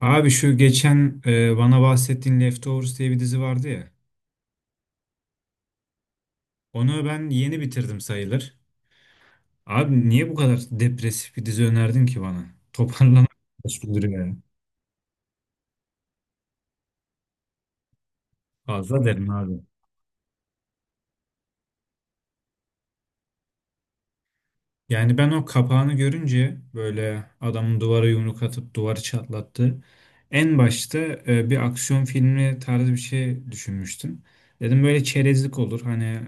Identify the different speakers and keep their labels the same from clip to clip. Speaker 1: Abi şu geçen bana bahsettiğin Leftovers diye bir dizi vardı ya. Onu ben yeni bitirdim sayılır. Abi niye bu kadar depresif bir dizi önerdin ki bana? Toparlanan güldürüyor ya. Fazla derim abi. Yani ben o kapağını görünce böyle adamın duvara yumruk atıp duvarı çatlattı. En başta bir aksiyon filmi tarzı bir şey düşünmüştüm. Dedim böyle çerezlik olur. Hani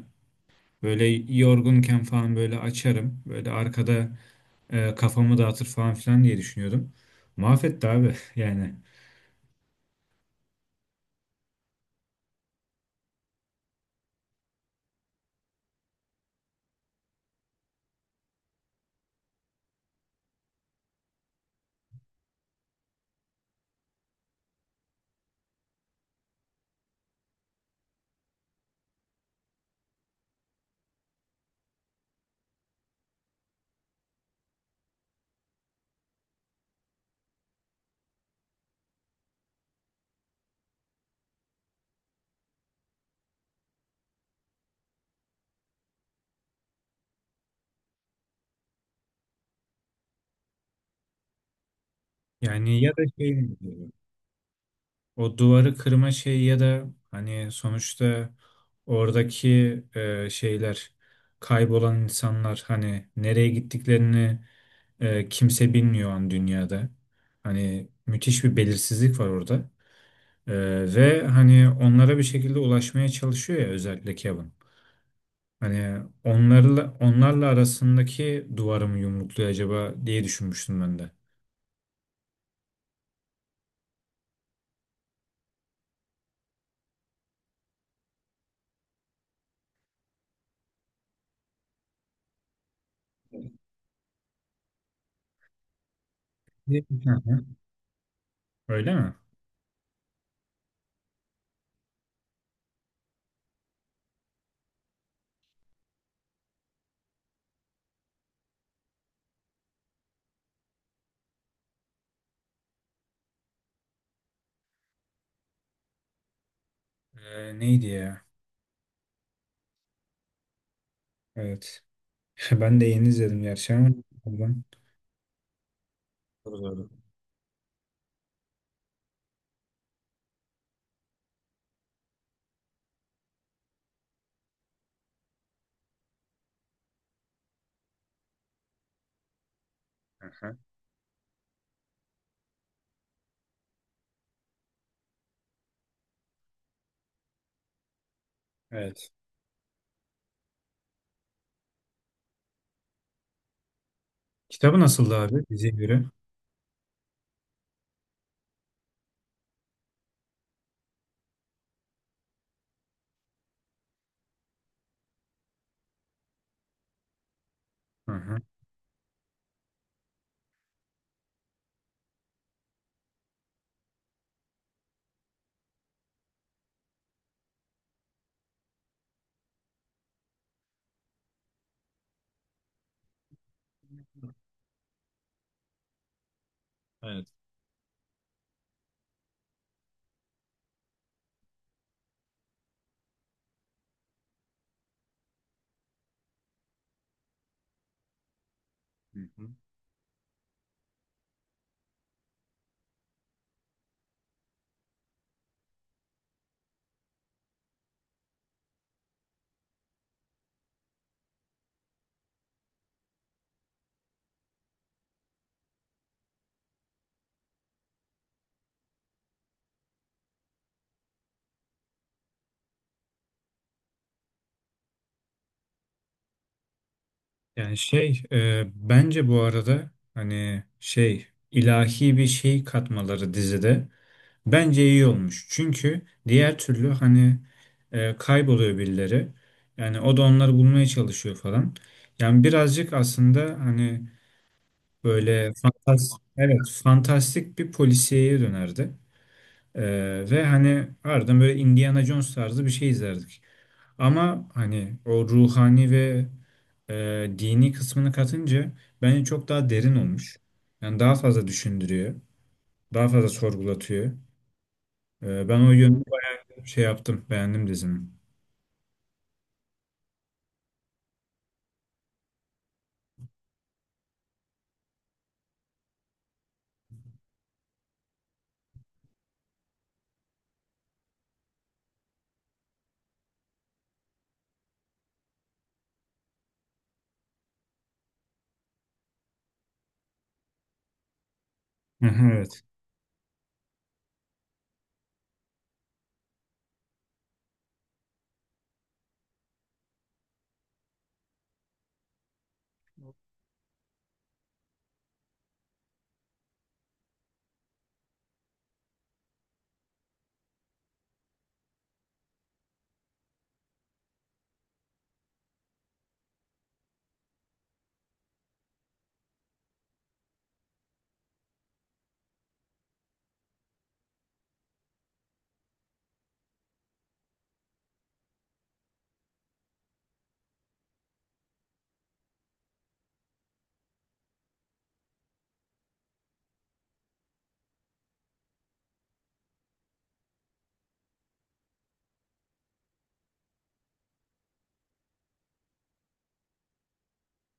Speaker 1: böyle yorgunken falan böyle açarım. Böyle arkada kafamı dağıtır falan filan diye düşünüyordum. Mahvetti abi yani. Yani ya da şey o duvarı kırma şeyi ya da hani sonuçta oradaki şeyler, kaybolan insanlar, hani nereye gittiklerini kimse bilmiyor an dünyada. Hani müthiş bir belirsizlik var orada. E, Ve hani onlara bir şekilde ulaşmaya çalışıyor ya, özellikle Kevin. Hani onlarla arasındaki duvarı mı yumrukluyor acaba diye düşünmüştüm ben de. Değil. Hı hı. Öyle mi? Neydi ya? Evet. Ben de yeni izledim gerçi ama. Pardon. Doğru, doğru. Hı hı. Evet. Kitabı nasıldı abi diziye göre? Hı hı. Evet. Hı hı. Yani şey bence bu arada hani şey ilahi bir şey katmaları dizide. Bence iyi olmuş. Çünkü diğer türlü hani kayboluyor birileri. Yani o da onları bulmaya çalışıyor falan. Yani birazcık aslında hani böyle fantastik, evet, fantastik bir polisiyeye dönerdi. E, Ve hani ardından böyle Indiana Jones tarzı bir şey izlerdik. Ama hani o ruhani ve dini kısmını katınca bence çok daha derin olmuş. Yani daha fazla düşündürüyor. Daha fazla sorgulatıyor. Ben o yönü şey yaptım, beğendim dizimi. Hı hı, evet.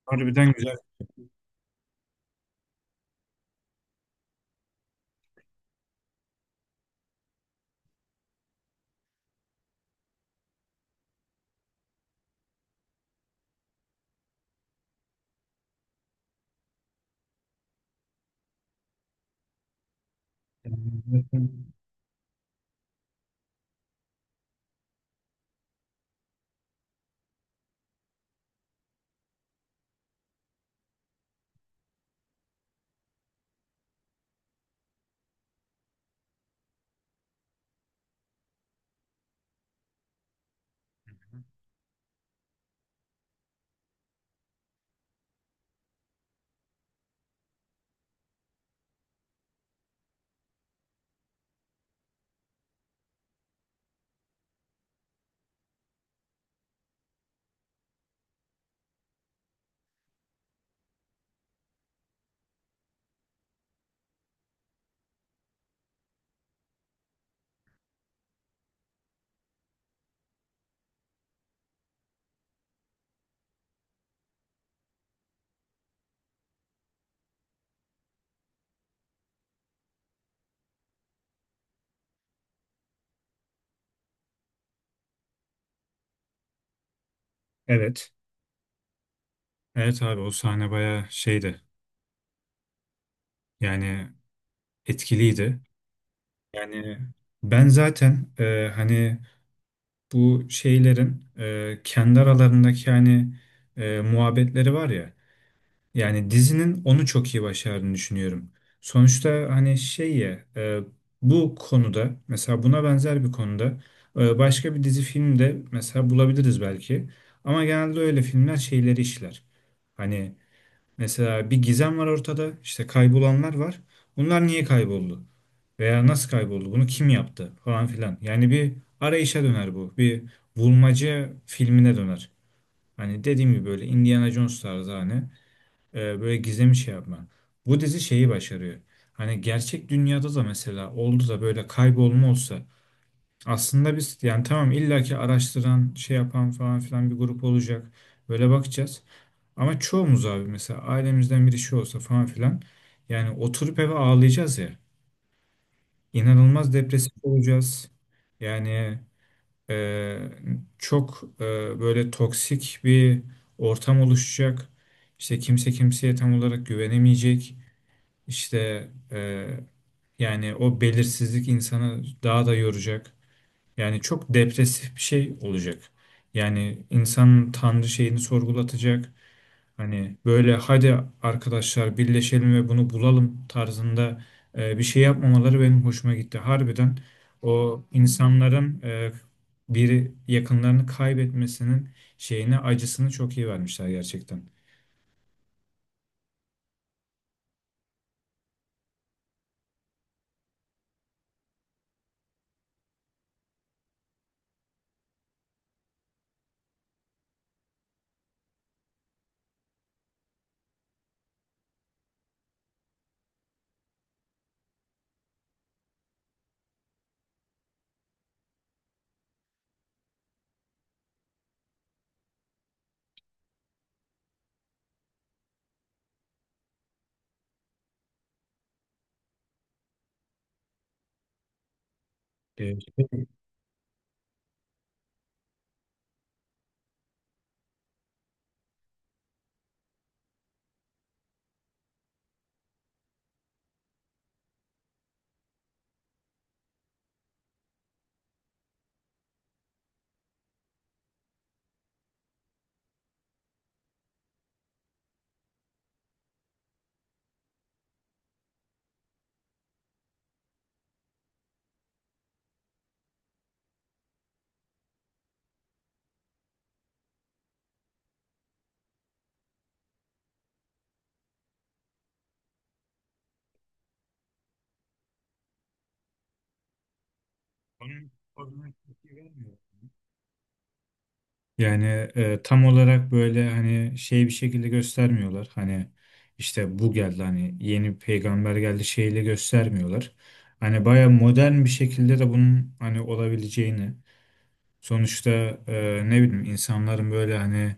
Speaker 1: Harbiden güzel. Evet. Evet abi, o sahne bayağı şeydi. Yani etkiliydi. Yani ben zaten hani bu şeylerin kendi aralarındaki hani muhabbetleri var ya. Yani dizinin onu çok iyi başardığını düşünüyorum. Sonuçta hani şey ya bu konuda, mesela buna benzer bir konuda başka bir dizi filmde mesela bulabiliriz belki. Ama genelde öyle filmler şeyleri işler. Hani mesela bir gizem var ortada, işte kaybolanlar var. Bunlar niye kayboldu? Veya nasıl kayboldu? Bunu kim yaptı? Falan filan. Yani bir arayışa döner bu. Bir bulmaca filmine döner. Hani dediğim gibi böyle Indiana Jones tarzı hani böyle gizemli şey yapma. Bu dizi şeyi başarıyor. Hani gerçek dünyada da mesela oldu da böyle kaybolma olsa, aslında biz, yani tamam, illaki araştıran, şey yapan falan filan bir grup olacak. Böyle bakacağız. Ama çoğumuz abi, mesela ailemizden biri şey olsa falan filan, yani oturup eve ağlayacağız ya. İnanılmaz depresif olacağız. Yani e, çok böyle toksik bir ortam oluşacak. İşte kimse kimseye tam olarak güvenemeyecek. İşte e, yani o belirsizlik insanı daha da yoracak. Yani çok depresif bir şey olacak. Yani insanın Tanrı şeyini sorgulatacak. Hani böyle hadi arkadaşlar birleşelim ve bunu bulalım tarzında bir şey yapmamaları benim hoşuma gitti. Harbiden o insanların biri yakınlarını kaybetmesinin şeyine, acısını çok iyi vermişler gerçekten. Şey, onun çok iyi vermiyor. Yani tam olarak böyle hani şey bir şekilde göstermiyorlar. Hani işte bu geldi, hani yeni peygamber geldi şeyle göstermiyorlar. Hani baya modern bir şekilde de bunun hani olabileceğini. Sonuçta ne bileyim, insanların böyle hani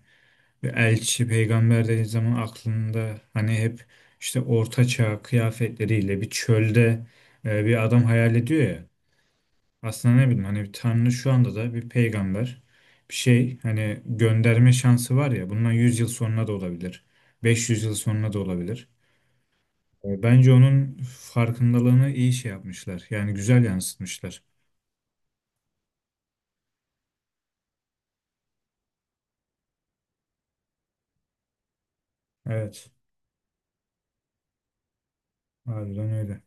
Speaker 1: bir elçi peygamber dediği zaman aklında hani hep işte orta çağ kıyafetleriyle bir çölde bir adam hayal ediyor ya. Aslında ne bileyim, hani Tanrı şu anda da bir peygamber, bir şey hani gönderme şansı var ya, bundan 100 yıl sonra da olabilir. 500 yıl sonra da olabilir. Bence onun farkındalığını iyi şey yapmışlar. Yani güzel yansıtmışlar. Evet. Harbiden öyle.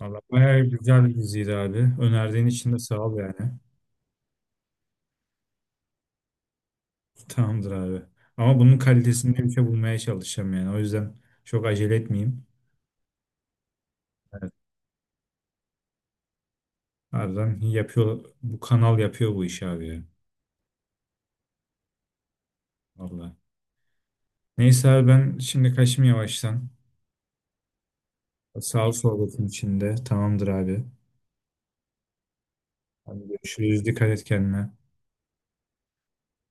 Speaker 1: Valla bayağı güzel bir diziydi abi. Önerdiğin için de sağ ol yani. Tamamdır abi. Ama bunun kalitesinde bir şey bulmaya çalışacağım yani. O yüzden çok acele etmeyeyim. Evet. Harbiden yapıyor. Bu kanal yapıyor bu işi abi ya. Valla. Neyse abi ben şimdi kaçayım yavaştan. Sağ ol sohbetin içinde. Tamamdır abi. Hadi görüşürüz. Dikkat et kendine.